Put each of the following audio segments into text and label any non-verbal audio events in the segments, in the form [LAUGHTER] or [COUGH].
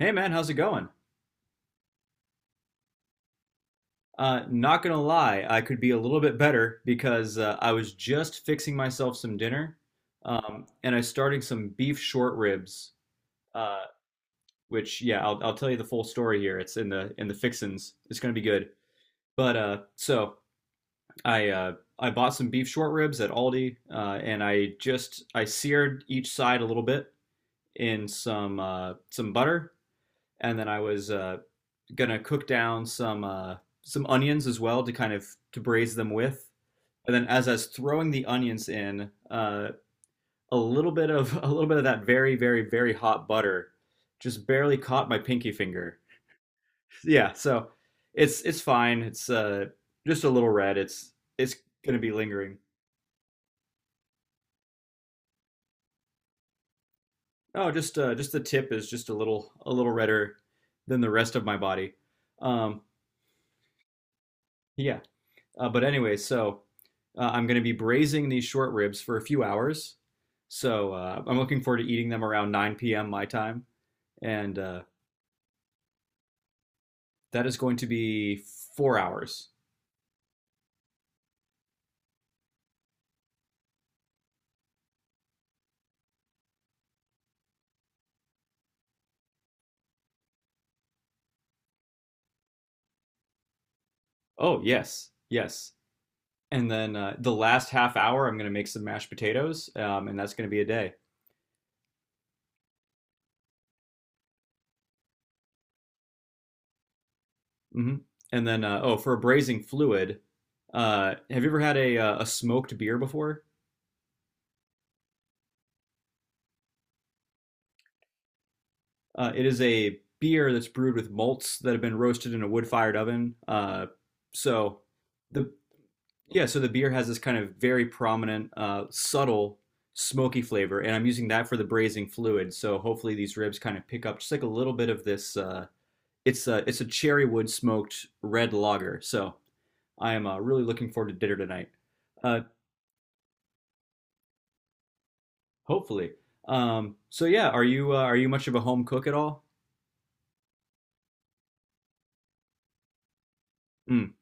Hey man, how's it going? Not gonna lie, I could be a little bit better because I was just fixing myself some dinner, and I started some beef short ribs. Uh, which, yeah, I'll tell you the full story here. It's in the fixins. It's gonna be good. But so I uh, I bought some beef short ribs at Aldi, and I just I seared each side a little bit in some butter, and then I was gonna cook down some onions as well to kind of to braise them with. And then as I was throwing the onions in, a little bit of [LAUGHS] a little bit of that very very very hot butter just barely caught my pinky finger. Yeah, so it's fine. It's just a little red. It's gonna be lingering. Oh, just the tip is just a little redder than the rest of my body. Um, yeah, but anyway, so I'm going to be braising these short ribs for a few hours. So I'm looking forward to eating them around 9 p.m. my time. And that is going to be 4 hours. Oh, yes, yes. And then, the last half hour, I'm going to make some mashed potatoes, and that's going to be a day. hmm And then, oh, for a braising fluid, have you ever had a smoked beer before? It is a beer that's brewed with malts that have been roasted in a wood-fired oven. So the yeah, so the beer has this kind of very prominent, subtle smoky flavor, and I'm using that for the braising fluid. So hopefully these ribs kind of pick up just like a little bit of this. It's a cherry wood smoked red lager. So I am really looking forward to dinner tonight. Uh, hopefully. So yeah, are you much of a home cook at all? Mm.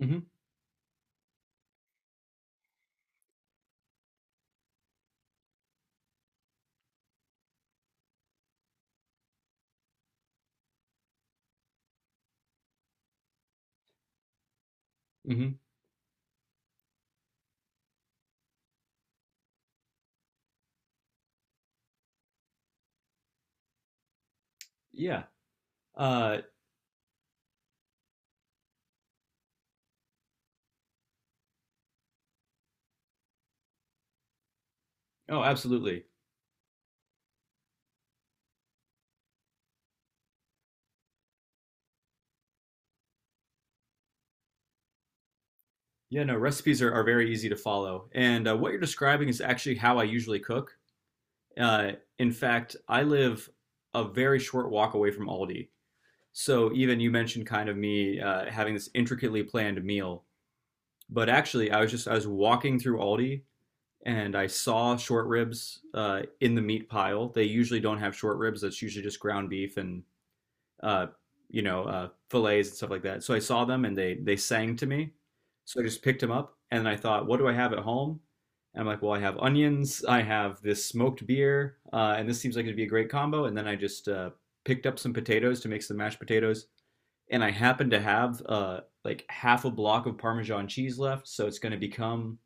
Hmm. Hmm. Yeah. Uh, Oh, absolutely. Yeah, no, recipes are very easy to follow. And what you're describing is actually how I usually cook. Uh, in fact, I live a very short walk away from Aldi. So even you mentioned kind of me having this intricately planned meal. But actually, I was walking through Aldi and I saw short ribs in the meat pile. They usually don't have short ribs, that's usually just ground beef and uh, fillets and stuff like that. So I saw them and they sang to me. So I just picked them up and I thought, what do I have at home? And I'm like, well, I have onions, I have this smoked beer, and this seems like it'd be a great combo. And then I just picked up some potatoes to make some mashed potatoes, and I happen to have like half a block of Parmesan cheese left, so it's going to become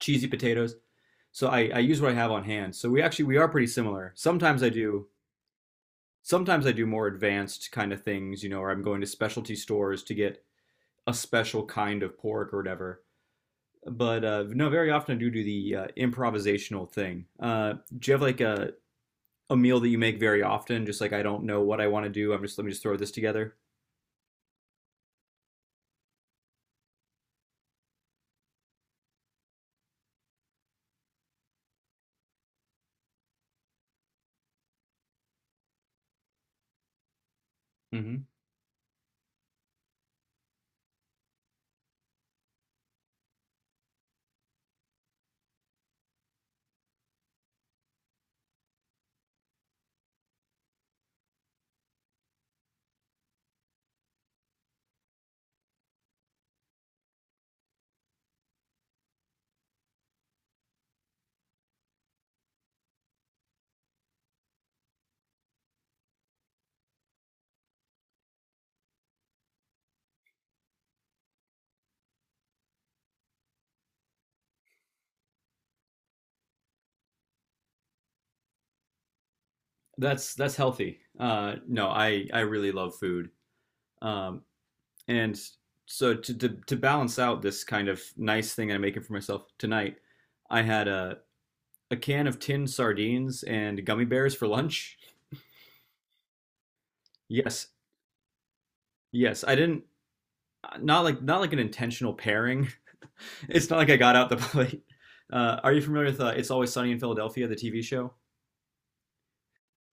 cheesy potatoes. So I use what I have on hand. So we actually we are pretty similar. Sometimes I do more advanced kind of things, or I'm going to specialty stores to get a special kind of pork or whatever. But no, very often I do do the improvisational thing. Do you have like a meal that you make very often? Just like I don't know what I want to do. I'm just let me just throw this together. Mm-hmm. That's healthy. No, I really love food. Um, and so to balance out this kind of nice thing I'm making for myself tonight, I had a can of tin sardines and gummy bears for lunch? Yes. Yes. I didn't, not like an intentional pairing. [LAUGHS] It's not like I got out the [LAUGHS] plate. Are you familiar with It's Always Sunny in Philadelphia, the TV show?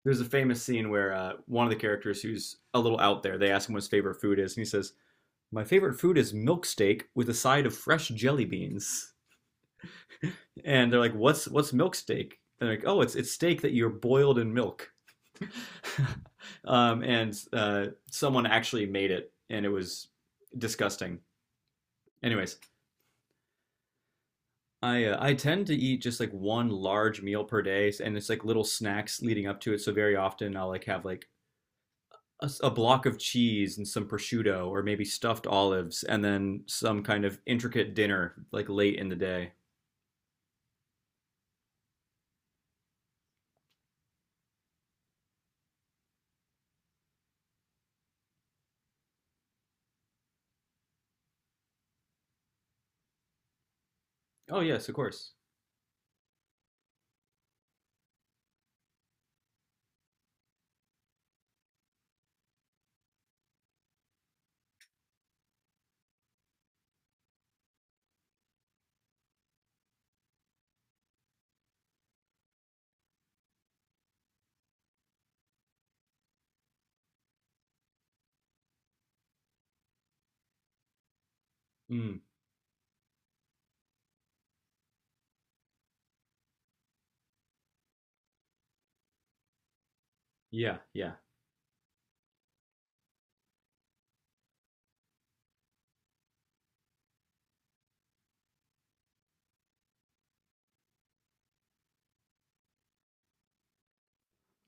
There's a famous scene where one of the characters who's a little out there, they ask him what his favorite food is, and he says, "My favorite food is milk steak with a side of fresh jelly beans." And they're like, "What's milk steak?" And they're like, "Oh, it's steak that you're boiled in milk." [LAUGHS] And someone actually made it, and it was disgusting. Anyways, I tend to eat just like one large meal per day, and it's like little snacks leading up to it. So very often I'll like have like a block of cheese and some prosciutto, or maybe stuffed olives, and then some kind of intricate dinner like late in the day. Oh yes, of course. Mm, yeah, yeah,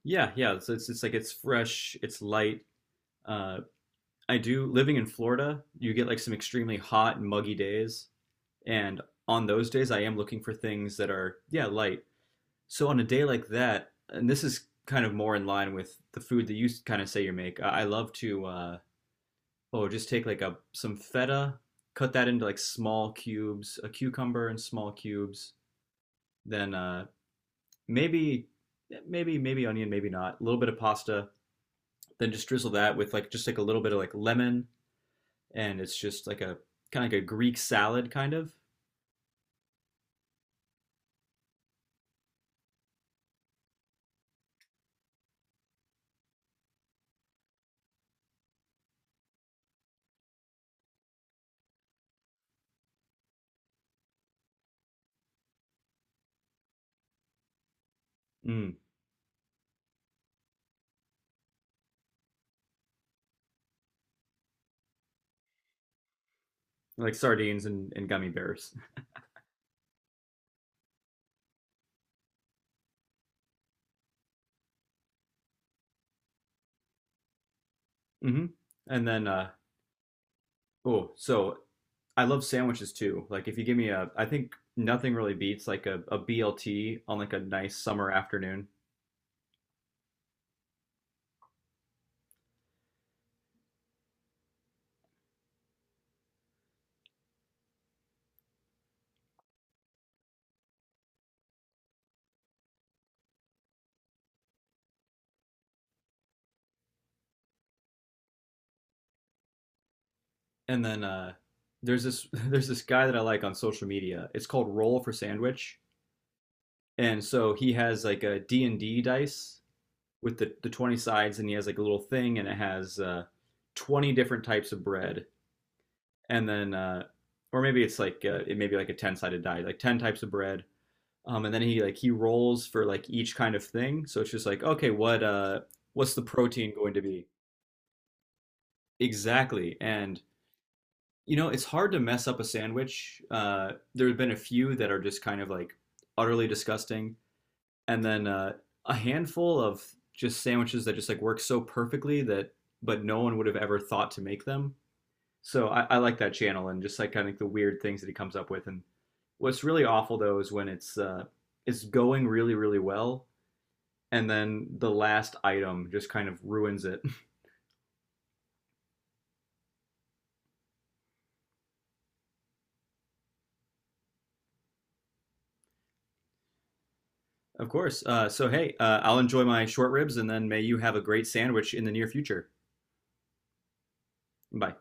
yeah, yeah. So it's like it's fresh, it's light. Uh, I do living in Florida, you get like some extremely hot and muggy days. And on those days, I am looking for things that are, yeah, light. So on a day like that, and this is kind of more in line with the food that you kind of say you make, I love to, oh, just take like a some feta, cut that into like small cubes, a cucumber in small cubes, then maybe, maybe onion, maybe not, a little bit of pasta, then just drizzle that with like just like a little bit of like lemon, and it's just like a kind of like a Greek salad kind of. Mm, like sardines and gummy bears. [LAUGHS] hmm And then, oh, so I love sandwiches too. Like if you give me, I think nothing really beats like a BLT on like a nice summer afternoon. And then there's this [LAUGHS] there's this guy that I like on social media. It's called Roll for Sandwich, and so he has like a D&D dice with the 20 sides, and he has like a little thing, and it has 20 different types of bread, and then, or maybe it's like it may be like a ten sided die, like 10 types of bread. And then he like he rolls for like each kind of thing. So it's just like okay, what's the protein going to be exactly? And it's hard to mess up a sandwich. There have been a few that are just kind of like utterly disgusting, and then a handful of just sandwiches that just like work so perfectly that but no one would have ever thought to make them. So I like that channel and just like kind of the weird things that he comes up with. And what's really awful though is when it's going really really well and then the last item just kind of ruins it. [LAUGHS] Of course. So hey, I'll enjoy my short ribs and then may you have a great sandwich in the near future. Bye.